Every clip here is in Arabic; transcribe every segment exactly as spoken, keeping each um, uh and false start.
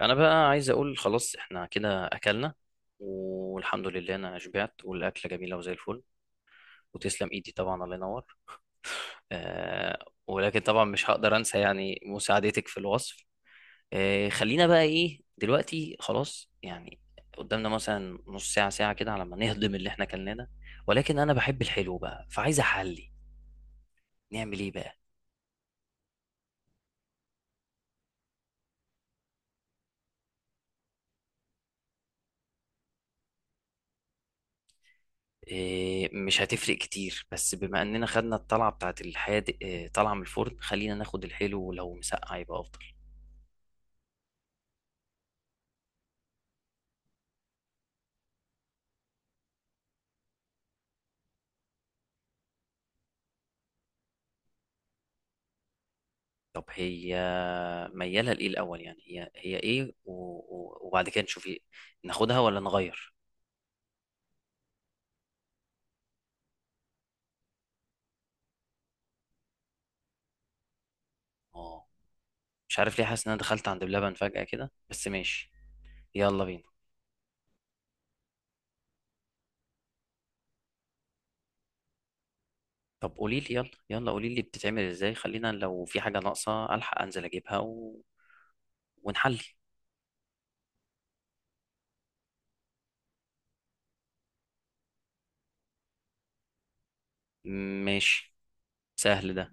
انا بقى عايز اقول خلاص احنا كده اكلنا. والحمد لله انا شبعت والاكله جميله وزي الفل. وتسلم ايدي طبعا، الله ينور. آه، ولكن طبعا مش هقدر انسى يعني مساعدتك في الوصف. آه خلينا بقى ايه دلوقتي، خلاص يعني. قدامنا مثلا نص ساعه ساعه كده على ما نهضم اللي احنا كلناه ده. ولكن انا بحب الحلو بقى، فعايز احلي. نعمل ايه بقى؟ آه، مش هتفرق كتير، بس بما اننا خدنا الطلعه بتاعت الحادق، آه، طالعه من الفرن، خلينا ناخد الحلو، ولو مسقع يبقى افضل. طب هي ميالة لإيه الأول؟ يعني هي هي إيه و... و... وبعد كده نشوف إيه، ناخدها ولا نغير؟ اه. مش عارف ليه حاسس إن أنا دخلت عند بلبن فجأة كده، بس ماشي، يلا بينا. طب قولي لي، يلا يلا قولي لي، بتتعمل إزاي؟ خلينا لو في حاجة ناقصة ألحق أنزل أجيبها و... ونحلي. ماشي، سهل ده.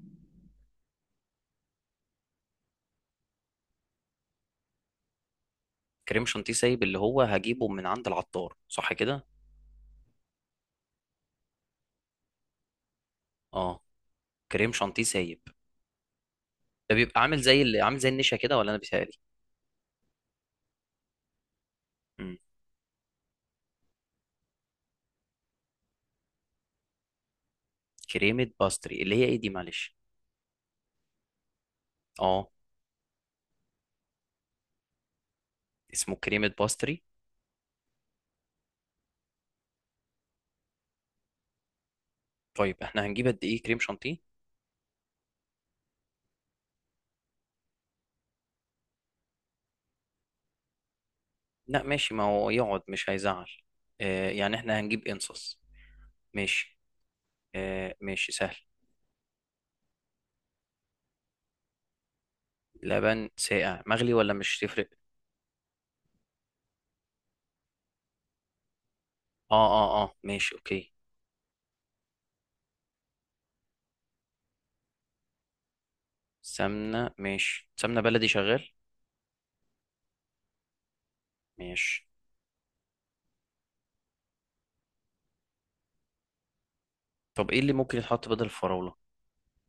كريم شانتيه سايب، اللي هو هجيبه من عند العطار، صح كده؟ اه، كريم شانتيه سايب. ده بيبقى عامل زي اللي عامل زي النشا كده، ولا أنا بيتهيألي؟ كريمة باستري اللي هي ايه دي؟ معلش. اه. اسمه كريمة باستري. طيب احنا هنجيب قد ايه كريم شانتيه؟ لا ماشي، ما هو يقعد مش هيزعل. آه، يعني احنا هنجيب انصص. ماشي، آه ماشي سهل. لبن ساقع مغلي ولا مش تفرق؟ اه اه اه، ماشي اوكي. سمنة، ماشي، سمنة بلدي شغال. ماشي. طب ايه اللي ممكن يتحط بدل الفراولة؟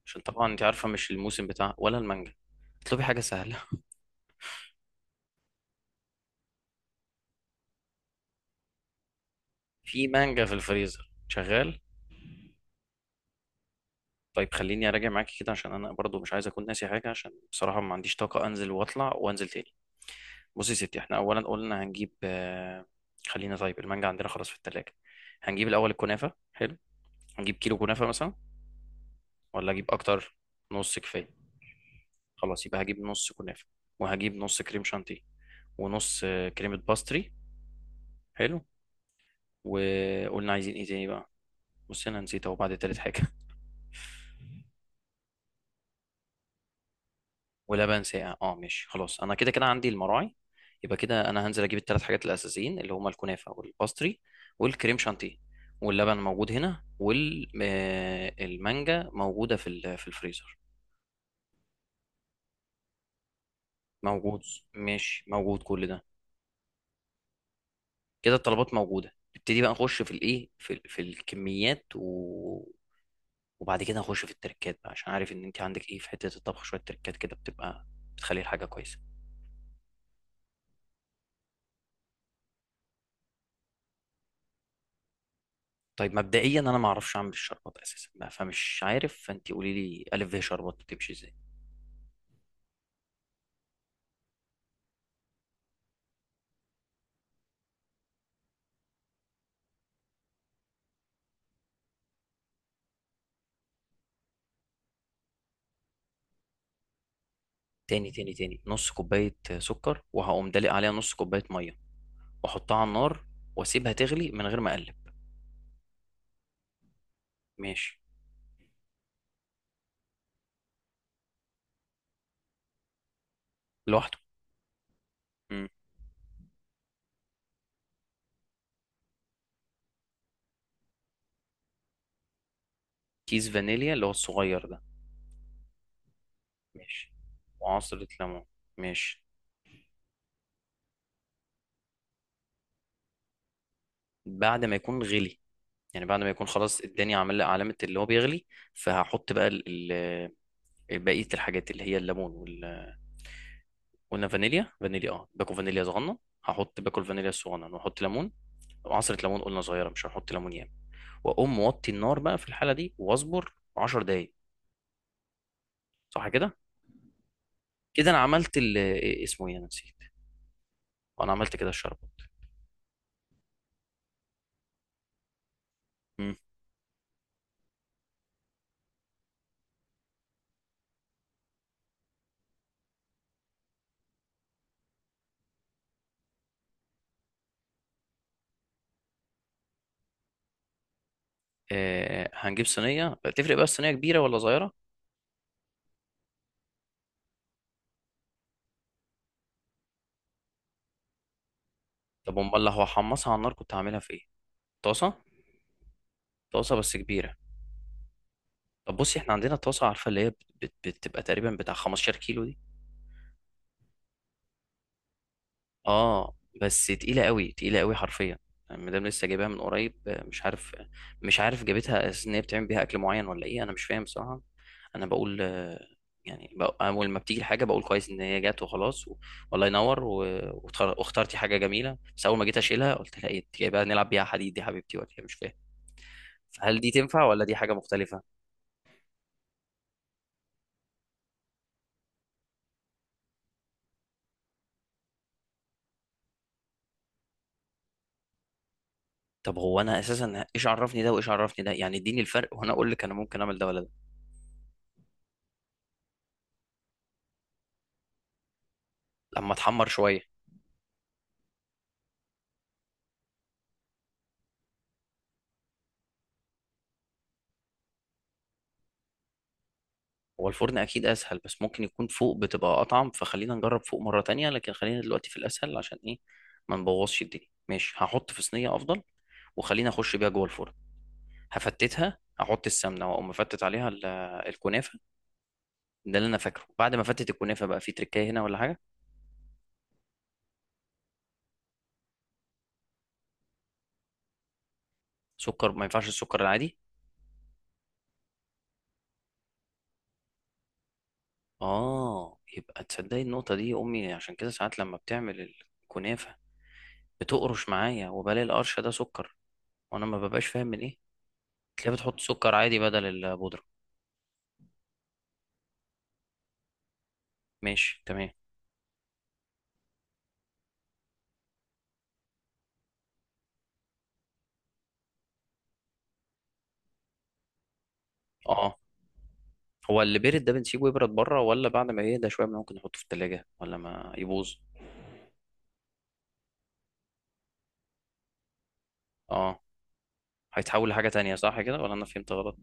عشان طبعا انت عارفة مش الموسم بتاع ولا المانجا. اطلبي حاجة سهلة. في مانجا في الفريزر شغال. طيب خليني اراجع معاكي كده، عشان انا برضو مش عايز اكون ناسي حاجه، عشان بصراحه ما عنديش طاقه انزل واطلع وانزل تاني. بصي يا ستي، احنا اولا قلنا هنجيب آه، خلينا، طيب المانجا عندنا خلاص في التلاجة. هنجيب الاول الكنافه، حلو. هنجيب كيلو كنافه مثلا، ولا اجيب اكتر؟ نص كفايه. خلاص، يبقى هجيب نص كنافه، وهجيب نص كريم شانتيه، ونص آه، كريمه باستري. حلو. وقلنا عايزين ايه تاني بقى؟ بصي انا نسيت اهو بعد تالت حاجه. ولبن ساقع، اه ماشي، خلاص انا كده كده عندي المراعي. يبقى كده انا هنزل اجيب الثلاث حاجات الاساسيين، اللي هما الكنافه والباستري والكريم شانتيه. واللبن موجود هنا، والمانجا موجوده في ال- في الفريزر. موجود. ماشي، موجود كل ده. كده الطلبات موجوده، نبتدي بقى نخش في الايه في ال- في الكميات و... وبعد كده نخش في التركات بقى، عشان عارف ان انت عندك ايه في حته الطبخ، شويه تركات كده بتبقى بتخلي الحاجه كويسه. طيب مبدئيا انا ما اعرفش اعمل الشربات اساسا بقى، فمش عارف، فانت قولي لي الف ب شربات بتمشي ازاي. تاني تاني تاني، نص كوبايه سكر، وهقوم دلق عليها نص كوبايه ميه، واحطها على النار، واسيبها تغلي من غير ما اقلب. ماشي. لوحده؟ مم. كيس فانيليا اللي هو الصغير ده؟ ماشي، وعصره ليمون. ماشي. بعد ما يكون غلي، يعني بعد ما يكون خلاص اداني عمل علامه اللي هو بيغلي، فهحط بقى ال- ال- بقيه الحاجات اللي هي الليمون. قلنا فانيليا، فانيليا اه باكل فانيليا صغنن. هحط باكل فانيليا الصغنن، واحط ليمون وعصرة ليمون، قلنا صغيرة، مش هحط ليمون ياما. واقوم موطي النار بقى في الحالة دي، واصبر 10 دقايق. صح كده؟ كده انا عملت ال إيه اسمه، ايه انا نسيت. انا عملت كده الشربة. مم. آه، هنجيب صينية، تفرق بقى الصينية كبيرة ولا صغيرة؟ طب امال لو هحمصها على النار كنت هعملها في ايه؟ طاسة. طاسة بس كبيرة. طب بصي احنا عندنا طاسة، عارفة اللي هي بت- بت- بتبقى تقريبا بتاع 15 كيلو دي، اه. بس تقيلة قوي تقيلة قوي حرفيا. المدام لسه جايباها من قريب، آه، مش عارف مش عارف جابتها اساس ان هي بتعمل بيها اكل معين ولا ايه، انا مش فاهم بصراحة. انا بقول آه، يعني بق- اول ما بتيجي الحاجة بقول كويس ان هي جت وخلاص و... والله ينور و... واختار- واخترتي حاجة جميلة، بس اول ما جيت اشيلها قلت لها ايه، انت جايبها نلعب بيها حديد دي يا حبيبتي ولا إيه؟ مش فاهم، فهل دي تنفع ولا دي حاجة مختلفة؟ طب هو انا اساسا ايش عرفني ده وايش عرفني ده، يعني اديني الفرق، وانا اقول لك انا ممكن اعمل ده ولا ده. لما اتحمر شوية. هو الفرن اكيد اسهل، بس ممكن يكون فوق بتبقى اطعم، فخلينا نجرب فوق مرة تانية، لكن خلينا دلوقتي في الاسهل، عشان ايه، ما نبوظش الدنيا. ماشي، هحط في صينية افضل، وخلينا اخش بيها جوه الفرن. هفتتها، هحط السمنة، واقوم مفتت عليها ال- الكنافة. ده اللي انا فاكره. بعد ما افتت الكنافة بقى في تركاية هنا ولا حاجة؟ سكر؟ ما ينفعش السكر العادي؟ اه، يبقى تصدقي النقطة دي، امي عشان كده ساعات لما بتعمل الكنافة بتقرش معايا، وبلاقي القرش ده سكر، وانا ما ببقاش فاهم من ايه. تلاقيها بتحط سكر عادي بدل البودرة. ماشي، تمام. اه، هو اللي بيرد ده بنسيبه يبرد بره، ولا بعد ما يهدى شويه ممكن نحطه في التلاجة ولا ما يبوظ؟ اه، هيتحول لحاجه تانية، صح كده ولا انا فهمت غلط؟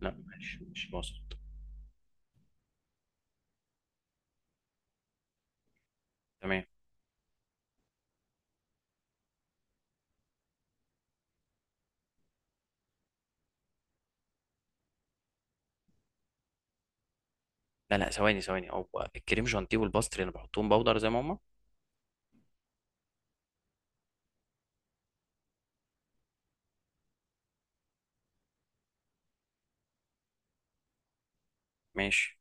لا ماشي، مش وصلت. تمام. لا لا، ثواني ثواني، هو الكريم جانتيه والباستري انا بحطهم بودر زي ما هما؟ ماشي.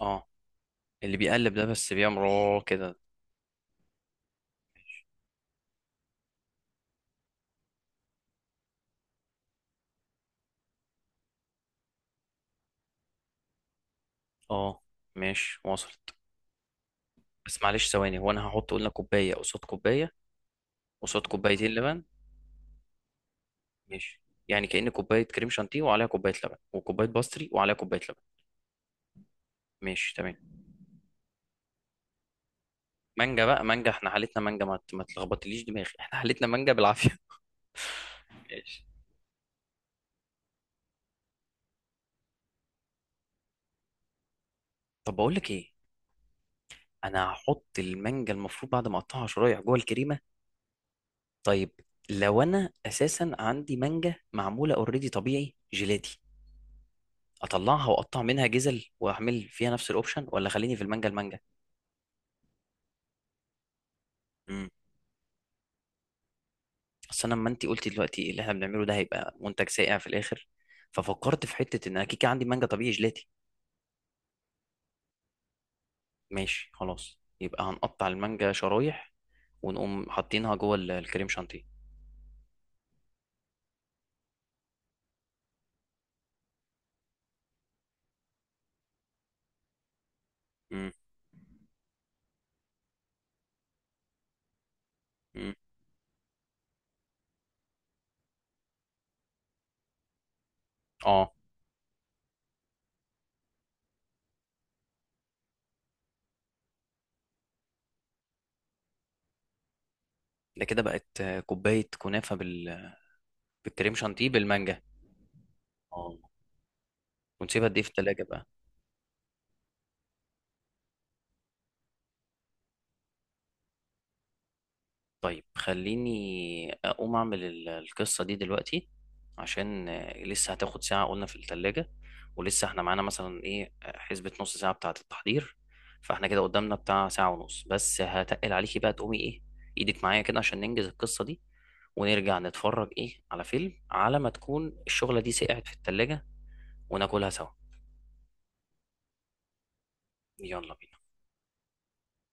اه، اللي بيقلب ده، بس بيعمل راه كده؟ اه ماشي، وصلت. بس معلش ثواني، هو انا هحط قلنا كوبايه قصاد كوبايه، قصاد كوبايتين لبن؟ ماشي. يعني كأن كوبايه كريم شانتيه وعليها كوبايه لبن، وكوبايه باستري وعليها كوبايه لبن. ماشي تمام. مانجا بقى، مانجا، احنا حالتنا مانجا، ما ت- ما تلخبطليش دماغي، احنا حالتنا مانجا بالعافيه. ماشي. طب بقول لك ايه، انا هحط المانجا، المفروض بعد ما اقطعها شرايح جوه الكريمه. طيب، لو انا اساسا عندي مانجا معموله اوريدي طبيعي جيلاتي، اطلعها واقطع منها جزل، واعمل فيها نفس الاوبشن، ولا خليني في المانجا المانجا؟ امم. اصل انا لما انت قلتي دلوقتي اللي احنا بنعمله ده هيبقى منتج سائع في الاخر، ففكرت في حته ان انا كيكه عندي مانجا طبيعي جيلاتي. ماشي خلاص، يبقى هنقطع المانجا شرايح، ونقوم حاطينها جوه ال- الكريم شانتيه. امم امم اه ده كده بقت آه، كوبايه كنافه بال... بالكريم شانتيه بالمانجا. اه. ونسيبها قد ايه في التلاجة بقى؟ طيب خليني اقوم اعمل ال- القصه دي دلوقتي، عشان آه، لسه هتاخد ساعه قلنا في التلاجة، ولسه احنا معانا مثلا ايه، آه، حسبه نص ساعه بتاعه التحضير، فاحنا كده قدامنا بتاع ساعه ونص، بس هتقل عليكي بقى تقومي ايه، ايدك معايا كده عشان ننجز القصه دي، ونرجع نتفرج ايه على فيلم على ما تكون الشغله دي سقعت في التلاجة، وناكلها سوا. يلا بينا.